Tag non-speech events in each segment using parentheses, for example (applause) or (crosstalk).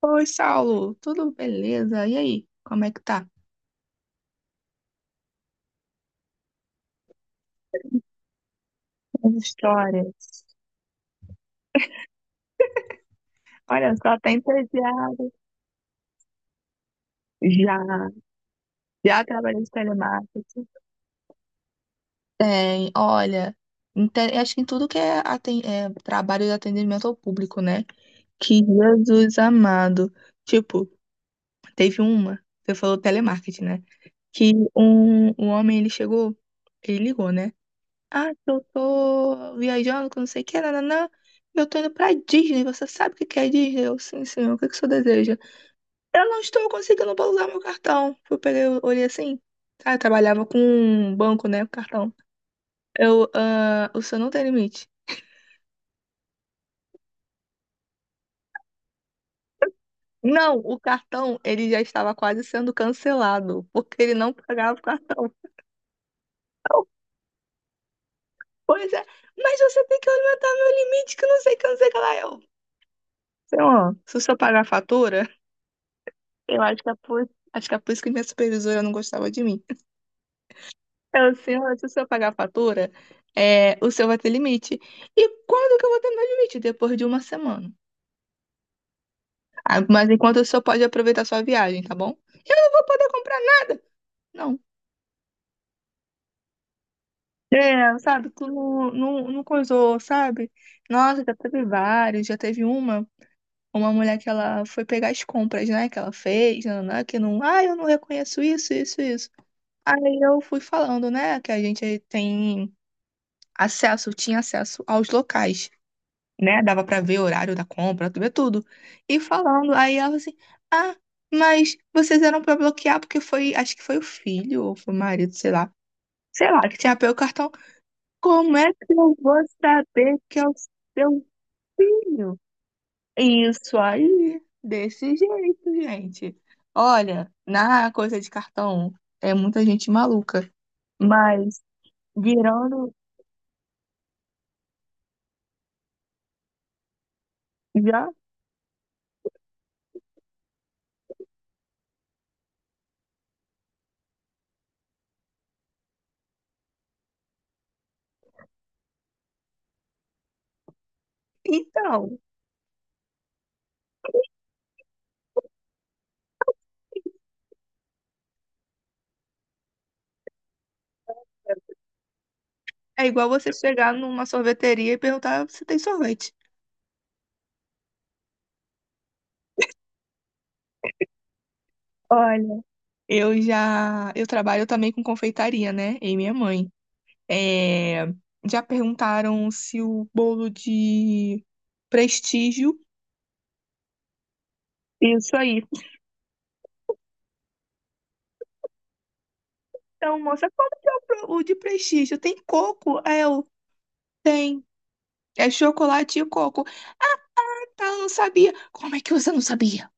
Oi, Saulo, tudo beleza? E aí, como é que tá? As histórias. Olha só, tem estagiário. Já, já, trabalhei de telemarketing. Tem, olha, acho que em tudo que é, é trabalho de atendimento ao público, né? Que Jesus amado. Tipo, teve uma, você falou telemarketing, né? Que um homem, ele chegou, ele ligou, né? Ah, que eu tô viajando, que não sei o que, nananã. Eu tô indo pra Disney. Você sabe o que que é Disney? Eu, sim, senhor. O que que o senhor deseja? Eu não estou conseguindo usar meu cartão. Eu peguei, eu olhei assim. Ah, eu trabalhava com um banco, né? Com cartão. Eu, ah, o senhor não tem limite. Não, o cartão, ele já estava quase sendo cancelado, porque ele não pagava o cartão. Eu, pois é, mas você tem que aumentar meu limite, que não sei o que, não sei o que lá. Eu, senhor, se o senhor pagar a fatura. Eu acho que é acho que é por isso que minha supervisora não gostava de mim. Ela, senhora, se o senhor pagar a fatura, é, o senhor vai ter limite. E quando que eu vou ter meu limite? Depois de uma semana. Ah, mas enquanto o senhor pode aproveitar sua viagem, tá bom? Eu não vou poder comprar nada. Não. É, sabe, tu não coisou, sabe? Nossa, já teve vários, já teve uma mulher que ela foi pegar as compras, né, que ela fez, nananã, que não, ah, eu não reconheço isso. Aí eu fui falando, né, que a gente tem acesso, tinha acesso aos locais, né? Dava pra ver o horário da compra, ver tudo. E falando, aí ela assim, ah, mas vocês eram pra bloquear porque foi, acho que foi o filho ou foi o marido, sei lá. Sei lá, que tinha pego o cartão. Como é que eu vou saber que é o seu filho? Isso aí, desse jeito, gente. Olha, na coisa de cartão é muita gente maluca, mas virando já. Então, é igual você chegar numa sorveteria e perguntar se tem sorvete. Olha, eu já, eu trabalho também com confeitaria, né? E minha mãe. É, já perguntaram se o bolo de prestígio. Isso aí. Então, moça, como que é o de prestígio? Tem coco? É, eu tem. É chocolate e coco. Tá, eu não sabia. Como é que você não sabia?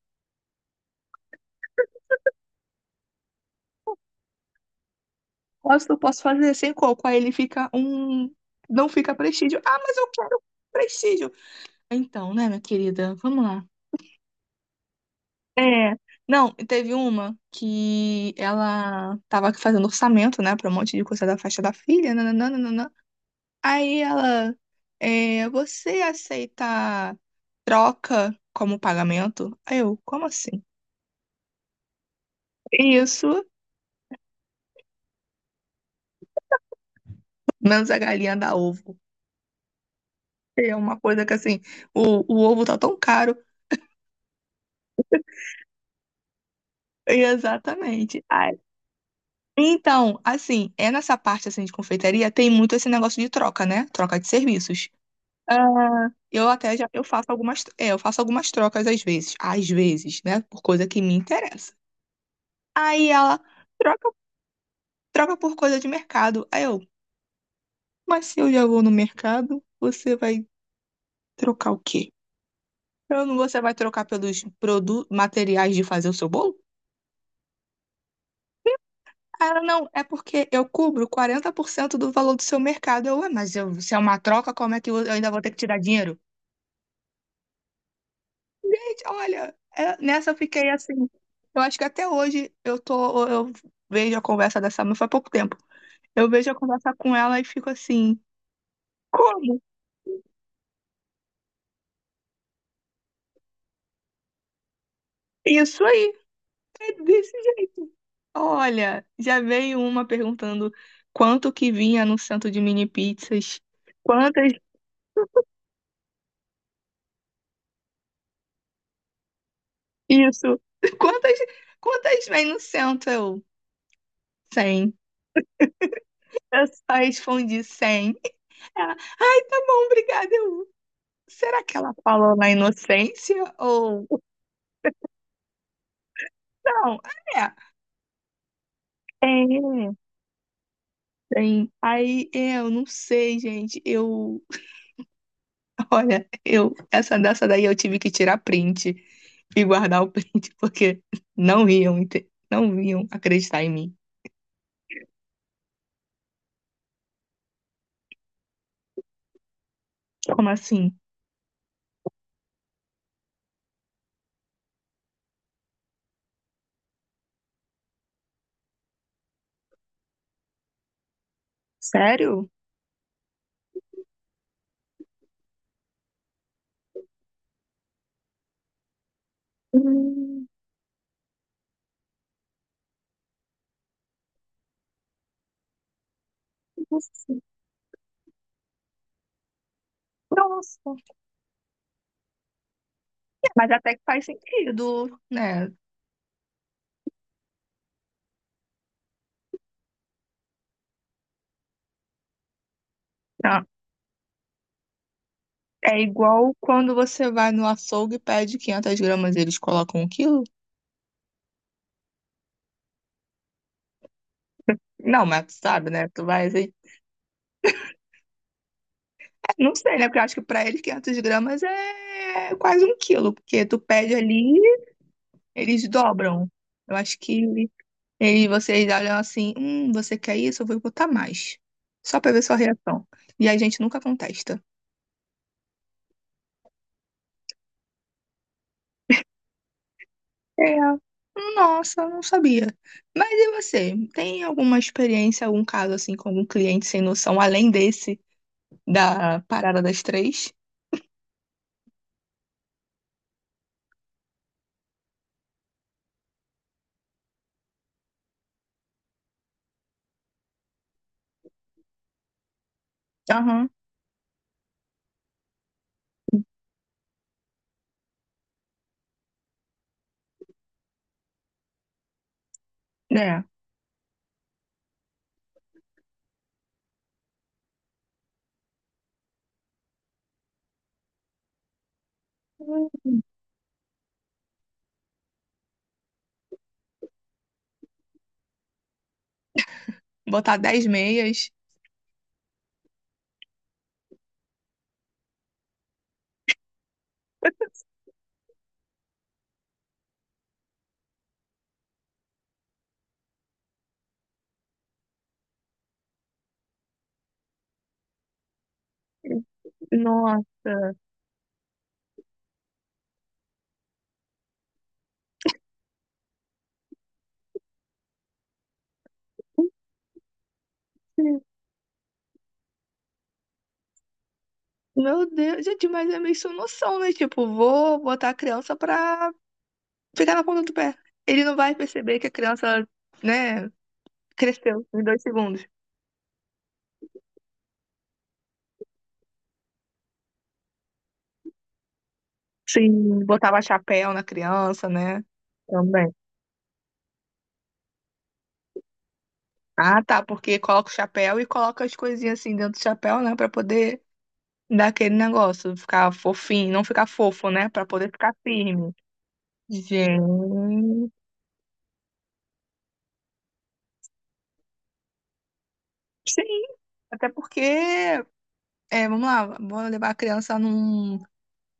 Posso, fazer sem coco. Aí ele fica um. Não fica prestígio. Ah, mas eu quero prestígio. Então, né, minha querida? Vamos lá. É. Não, teve uma que ela tava fazendo orçamento, né, pra um monte de coisa da faixa da filha, nananana. Aí ela, é, você aceita troca como pagamento? Aí eu, como assim? Isso, menos a galinha da ovo. É uma coisa que, assim, o ovo tá tão caro. Exatamente. Ai. Então, assim, é nessa parte, assim, de confeitaria, tem muito esse negócio de troca, né? Troca de serviços. Ah, eu até já eu faço algumas, é, eu faço algumas trocas às vezes, né, por coisa que me interessa. Aí ela troca, troca por coisa de mercado. Aí eu, mas se eu já vou no mercado, você vai trocar o quê? Eu não, você vai trocar pelos produ materiais de fazer o seu bolo? Aí ela, não, é porque eu cubro 40% do valor do seu mercado. Eu, ué, mas se é uma troca, como é que eu ainda vou ter que tirar dinheiro? Gente, olha, nessa eu fiquei assim. Eu acho que até hoje eu tô, eu vejo a conversa dessa, mas faz pouco tempo. Eu vejo a conversa com ela e fico assim, como? Isso aí, é desse jeito. Olha, já veio uma perguntando quanto que vinha no centro de mini pizzas. Quantas, isso, (laughs) quantas, quantas vem no centro? Eu, 100. Eu só respondi 100. Ela, ai, tá bom, obrigada, eu Será que ela falou na inocência? Ou. Não, é. É, tem. Aí, é, eu não sei, gente. Eu. (laughs) Olha, eu. Essa dessa daí eu tive que tirar print e guardar o print, (laughs) porque não iam, não iam acreditar em mim. Como assim? Sério? Hum, nossa. Nossa. É, mas até que faz sentido, né? Tá. É igual quando você vai no açougue e pede 500 gramas, eles colocam um quilo. Não, mas tu sabe, né? Tu vai assim. É, não sei, né? Porque eu acho que pra eles 500 gramas é quase um quilo, porque tu pede ali, eles dobram. Eu acho que eles, vocês olham assim: você quer isso? Eu vou botar mais. Só pra ver sua reação. E a gente nunca contesta. É. Nossa, não sabia. Mas e você? Tem alguma experiência, algum caso assim com algum cliente sem noção, além desse da parada das três? Aham. É. Botar 10 meias. Nossa. Meu Deus, gente, mas é meio sem noção, né? Tipo, vou botar a criança pra ficar na ponta do pé. Ele não vai perceber que a criança, né, cresceu em 2 segundos. Sim, botava chapéu na criança, né? Também. Ah, tá, porque coloca o chapéu e coloca as coisinhas assim dentro do chapéu, né, pra poder dar aquele negócio, ficar fofinho, não ficar fofo, né, pra poder ficar firme. Gente. Sim, até porque, é, vamos lá, vou levar a criança num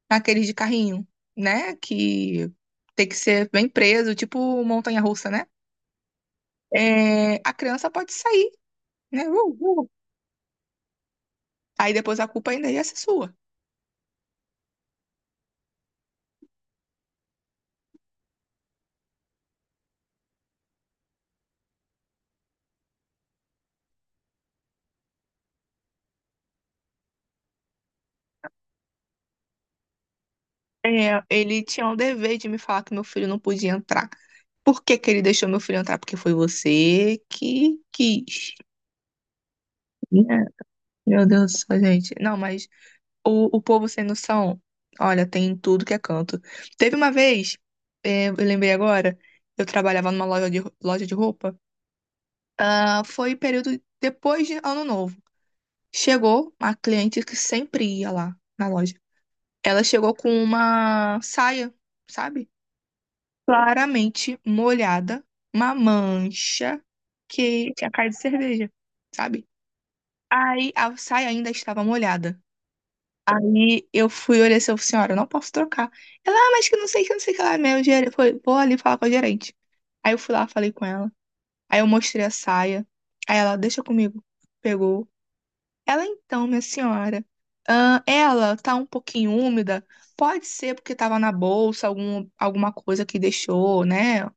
aqueles de carrinho, né? Que tem que ser bem preso, tipo montanha-russa, né? É, a criança pode sair, né? Aí depois a culpa ainda ia ser sua. É, ele tinha o dever de me falar que meu filho não podia entrar. Por que que ele deixou meu filho entrar? Porque foi você que quis. Né? Meu Deus do céu, gente. Não, mas o povo sem noção, olha, tem em tudo que é canto. Teve uma vez, é, eu lembrei agora, eu trabalhava numa loja de roupa. Ah, foi período depois de Ano Novo. Chegou a cliente que sempre ia lá na loja. Ela chegou com uma saia, sabe? Claramente molhada, uma mancha que tinha cara de cerveja, sabe? Aí a saia ainda estava molhada. Aí eu fui olhar assim, eu falei, senhora, eu não posso trocar. Ela, ah, mas que não sei que, não sei que lá, meu gerente. Foi, vou ali falar com a gerente. Aí eu fui lá, falei com ela. Aí eu mostrei a saia. Aí ela, deixa comigo. Pegou ela então, minha senhora, ela tá um pouquinho úmida, pode ser porque tava na bolsa, algum, alguma coisa que deixou, né?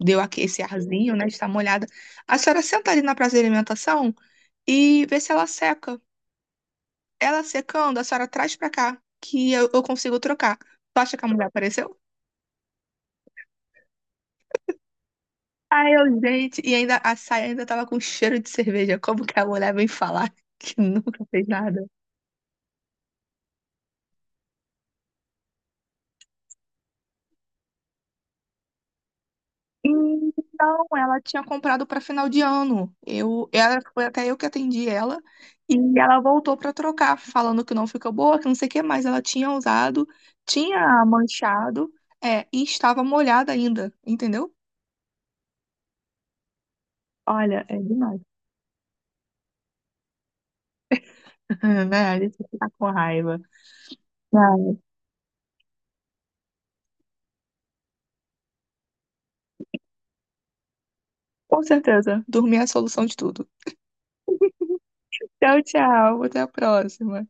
Deu aqui esse arzinho, né? Está molhada. A senhora senta ali na praça de alimentação e vê se ela seca. Ela secando, a senhora traz pra cá, que eu consigo trocar. Tu acha que a mulher apareceu? Ai, eu, gente, e ainda a saia ainda tava com cheiro de cerveja. Como que a mulher vem falar (laughs) que nunca fez nada? Hum, Não, ela tinha comprado para final de ano. Eu, ela, foi até eu que atendi ela e ela voltou para trocar, falando que não ficou boa, que não sei o que mais. Ela tinha usado, tinha manchado, é, e estava molhada ainda, entendeu? Olha, é demais. (laughs) Né? A gente fica com raiva. Não, com certeza, dormir é a solução de tudo. Tchau, tchau, até a próxima.